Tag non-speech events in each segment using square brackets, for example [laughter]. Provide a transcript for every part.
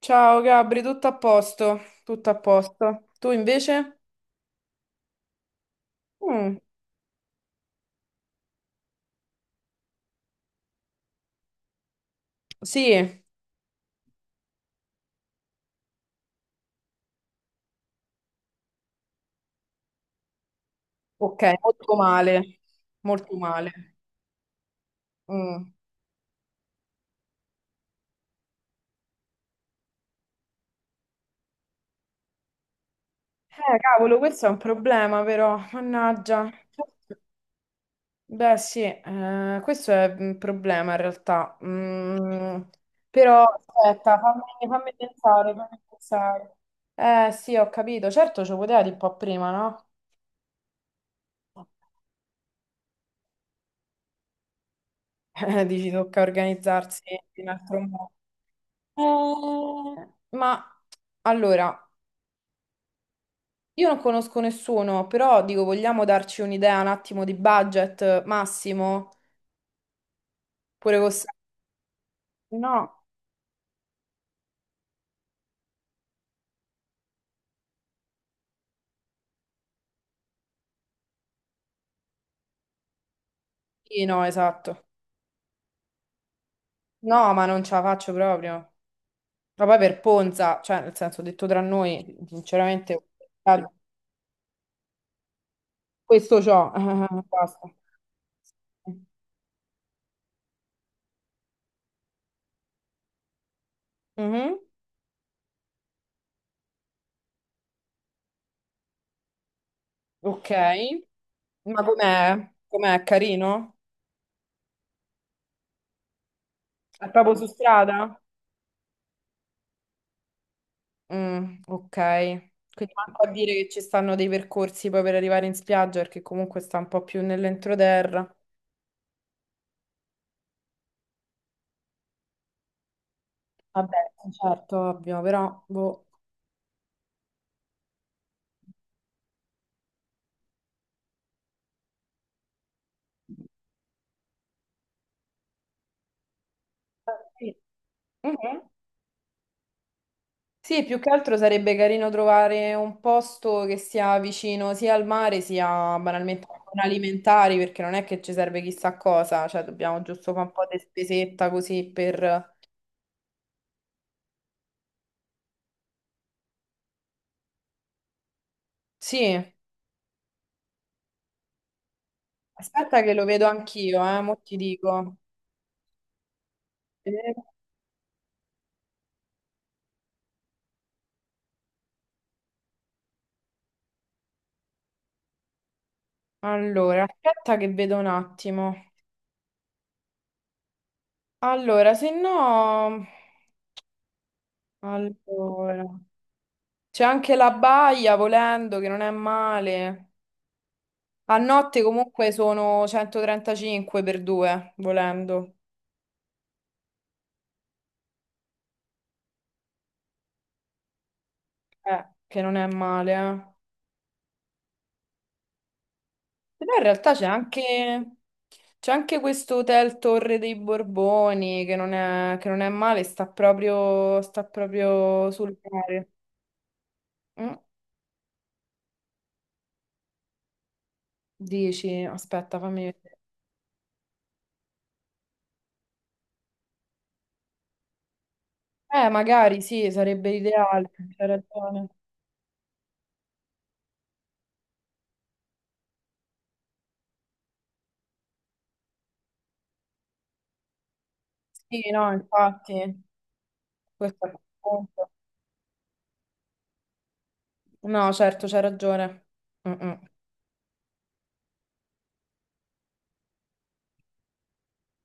Ciao Gabri, tutto a posto, tutto a posto. Tu invece? Mm, sì, ok, molto male, molto male. Mm. Cavolo, questo è un problema però, mannaggia. Beh sì, questo è un problema in realtà. Però aspetta, fammi pensare, fammi pensare. Eh sì, ho capito, certo ci poteva dire un po' prima, no? [laughs] Dici, tocca organizzarsi in altro modo. Eh, ma allora, io non conosco nessuno, però dico, vogliamo darci un'idea un attimo di budget massimo? Pure costa... No. Sì, no, esatto. No, ma non ce la faccio proprio. Ma poi per Ponza, cioè, nel senso, detto tra noi, sinceramente, questo c'ho. [laughs] Basta. Mhm. Ok. Ma com'è? Com'è? Carino? È proprio su strada? Ok, quindi manco a dire che ci stanno dei percorsi poi per arrivare in spiaggia, perché comunque sta un po' più nell'entroterra. Vabbè, certo, ovvio, però boh. Sì. Mhm. Sì, più che altro sarebbe carino trovare un posto che sia vicino sia al mare sia banalmente a zone alimentari, perché non è che ci serve chissà cosa, cioè dobbiamo giusto fare un po' di spesetta così per... Sì, aspetta che lo vedo anch'io, mo ti dico. Allora, aspetta che vedo un attimo. Allora, se no... Allora... C'è anche la baia, volendo, che non è male. A notte comunque sono 135 per due, volendo. Che non è male, eh. Però in realtà c'è anche... C'è anche questo hotel Torre dei Borboni, che non è male, sta proprio sul mare. Mm, Dici, aspetta, fammi vedere. Magari sì, sarebbe ideale, c'è ragione. Sì, no, infatti, questo è il punto. No, certo, c'è ragione. Mm, mm.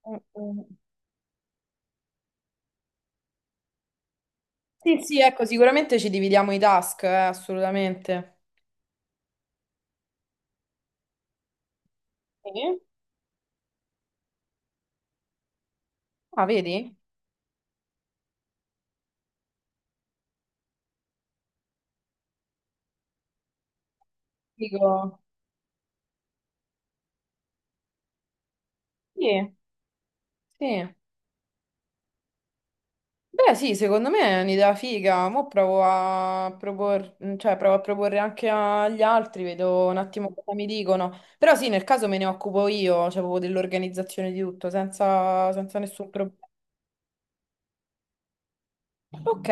Mm, mm. Sì, sì, ecco, sicuramente ci dividiamo i task, assolutamente. Sì? Ah, vedi? Dico, sì, sì. Beh, sì, secondo me è un'idea figa. Mo' cioè, provo a proporre anche agli altri, vedo un attimo cosa mi dicono. Però sì, nel caso me ne occupo io, cioè proprio dell'organizzazione di tutto, senza nessun problema. Ok,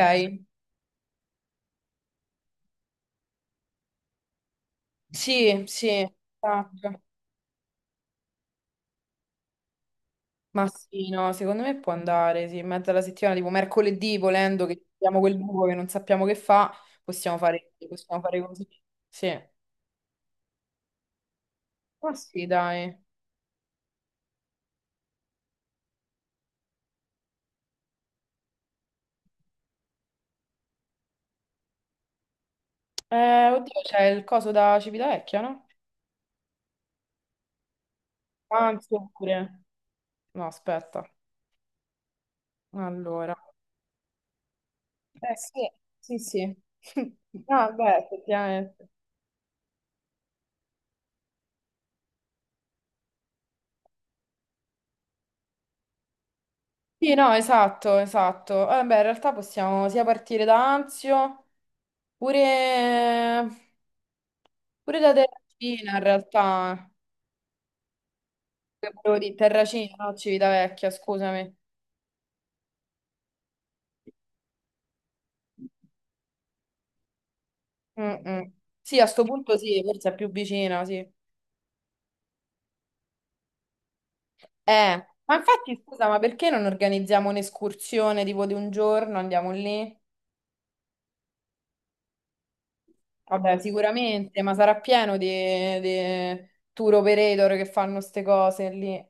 sì, sì, esatto. Ma sì, no, secondo me può andare, sì, in mezzo alla settimana, tipo mercoledì, volendo che abbiamo quel buco che non sappiamo che fa, possiamo fare così. Sì. Ma sì, dai. Oddio, c'è il coso da Civitavecchia, no? Anzi, oppure... No, aspetta. Allora. Eh sì, sì, sì. [laughs] Ah, beh, effettivamente. Sì, no, esatto, esatto. Beh, in realtà possiamo sia partire da Anzio, pure, pure da Terracina, in realtà. Che volevo dire, Terracina, no, Civitavecchia, scusami. Mm-mm. Sì, a sto punto sì, forse è più vicina, sì. Ma infatti, scusa, ma perché non organizziamo un'escursione tipo di un giorno, andiamo lì? Vabbè, sicuramente, ma sarà pieno di tour operator che fanno queste cose lì.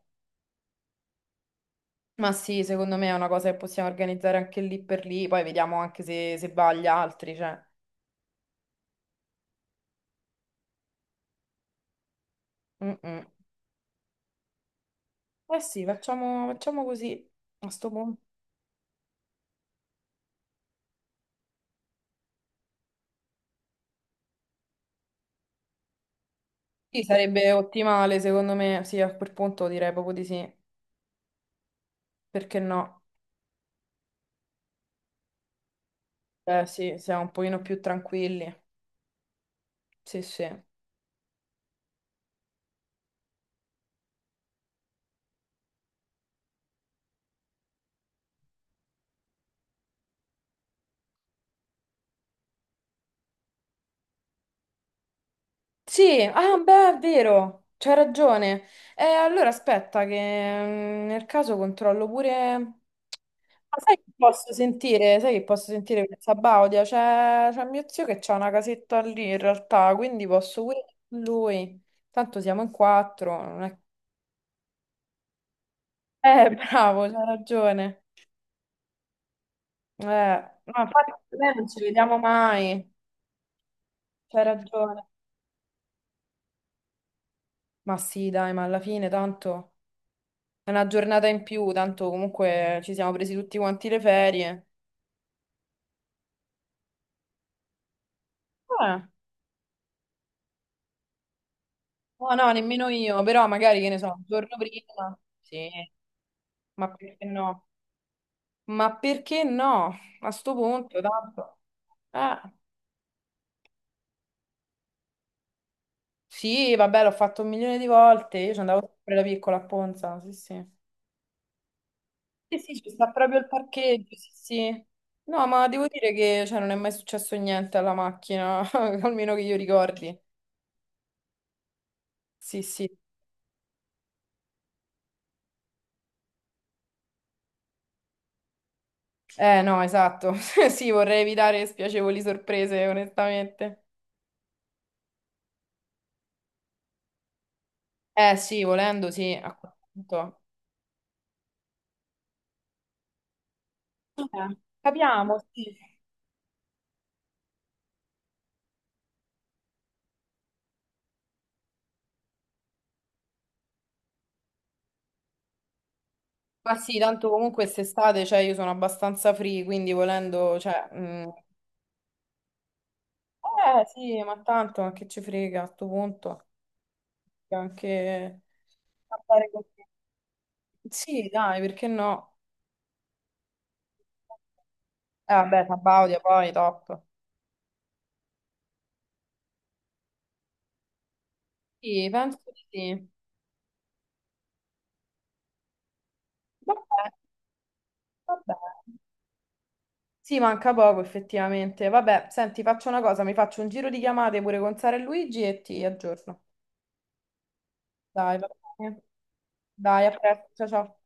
Ma sì, secondo me è una cosa che possiamo organizzare anche lì per lì, poi vediamo anche se va agli altri, cioè. Mm, mm. Eh sì, facciamo, facciamo così, a sto punto. Sì, sarebbe ottimale, secondo me, sì, a quel punto direi proprio di sì, perché no? Eh sì, siamo un pochino più tranquilli, sì sì. Sì, ah, beh, è vero, c'hai ragione. Allora aspetta che nel caso controllo pure... Ma sai che posso sentire? Sai che posso sentire questa Baudia? C'è mio zio che c'ha una casetta lì in realtà, quindi posso pure con lui. Tanto siamo in quattro. Non è- [laughs] bravo, c'hai ragione. Eh, no, infatti noi non ci vediamo mai. C'hai ragione. Ma sì, dai, ma alla fine tanto... È una giornata in più, tanto comunque ci siamo presi tutti quanti le ferie. Eh, no, no, nemmeno io, però magari che ne so, il giorno prima. Sì, ma perché no? Ma perché no? A sto punto, tanto. Eh, sì, vabbè, l'ho fatto un milione di volte, io ci andavo sempre da piccola a Ponza, sì, sì. Sì, sì, ci sta proprio il parcheggio, sì, sì. No, ma devo dire che cioè, non è mai successo niente alla macchina, [laughs] almeno che io ricordi. Sì, sì. Eh no, esatto. [laughs] Sì, vorrei evitare spiacevoli sorprese, onestamente. Eh sì, volendo, sì, a quel punto. Capiamo, sì. Ma sì, tanto comunque quest'estate, cioè, io sono abbastanza free, quindi volendo, cioè... Eh sì, ma tanto, ma che ci frega a sto punto? Anche... andare così. Sì, dai, perché no? Eh vabbè, Sabaudia poi, top. Sì, penso di sì. Vabbè, vabbè. Sì, manca poco effettivamente. Vabbè, senti, faccio una cosa, mi faccio un giro di chiamate pure con Sara e Luigi e ti aggiorno. Dai, va bene. Dai, a presto, ciao ciao.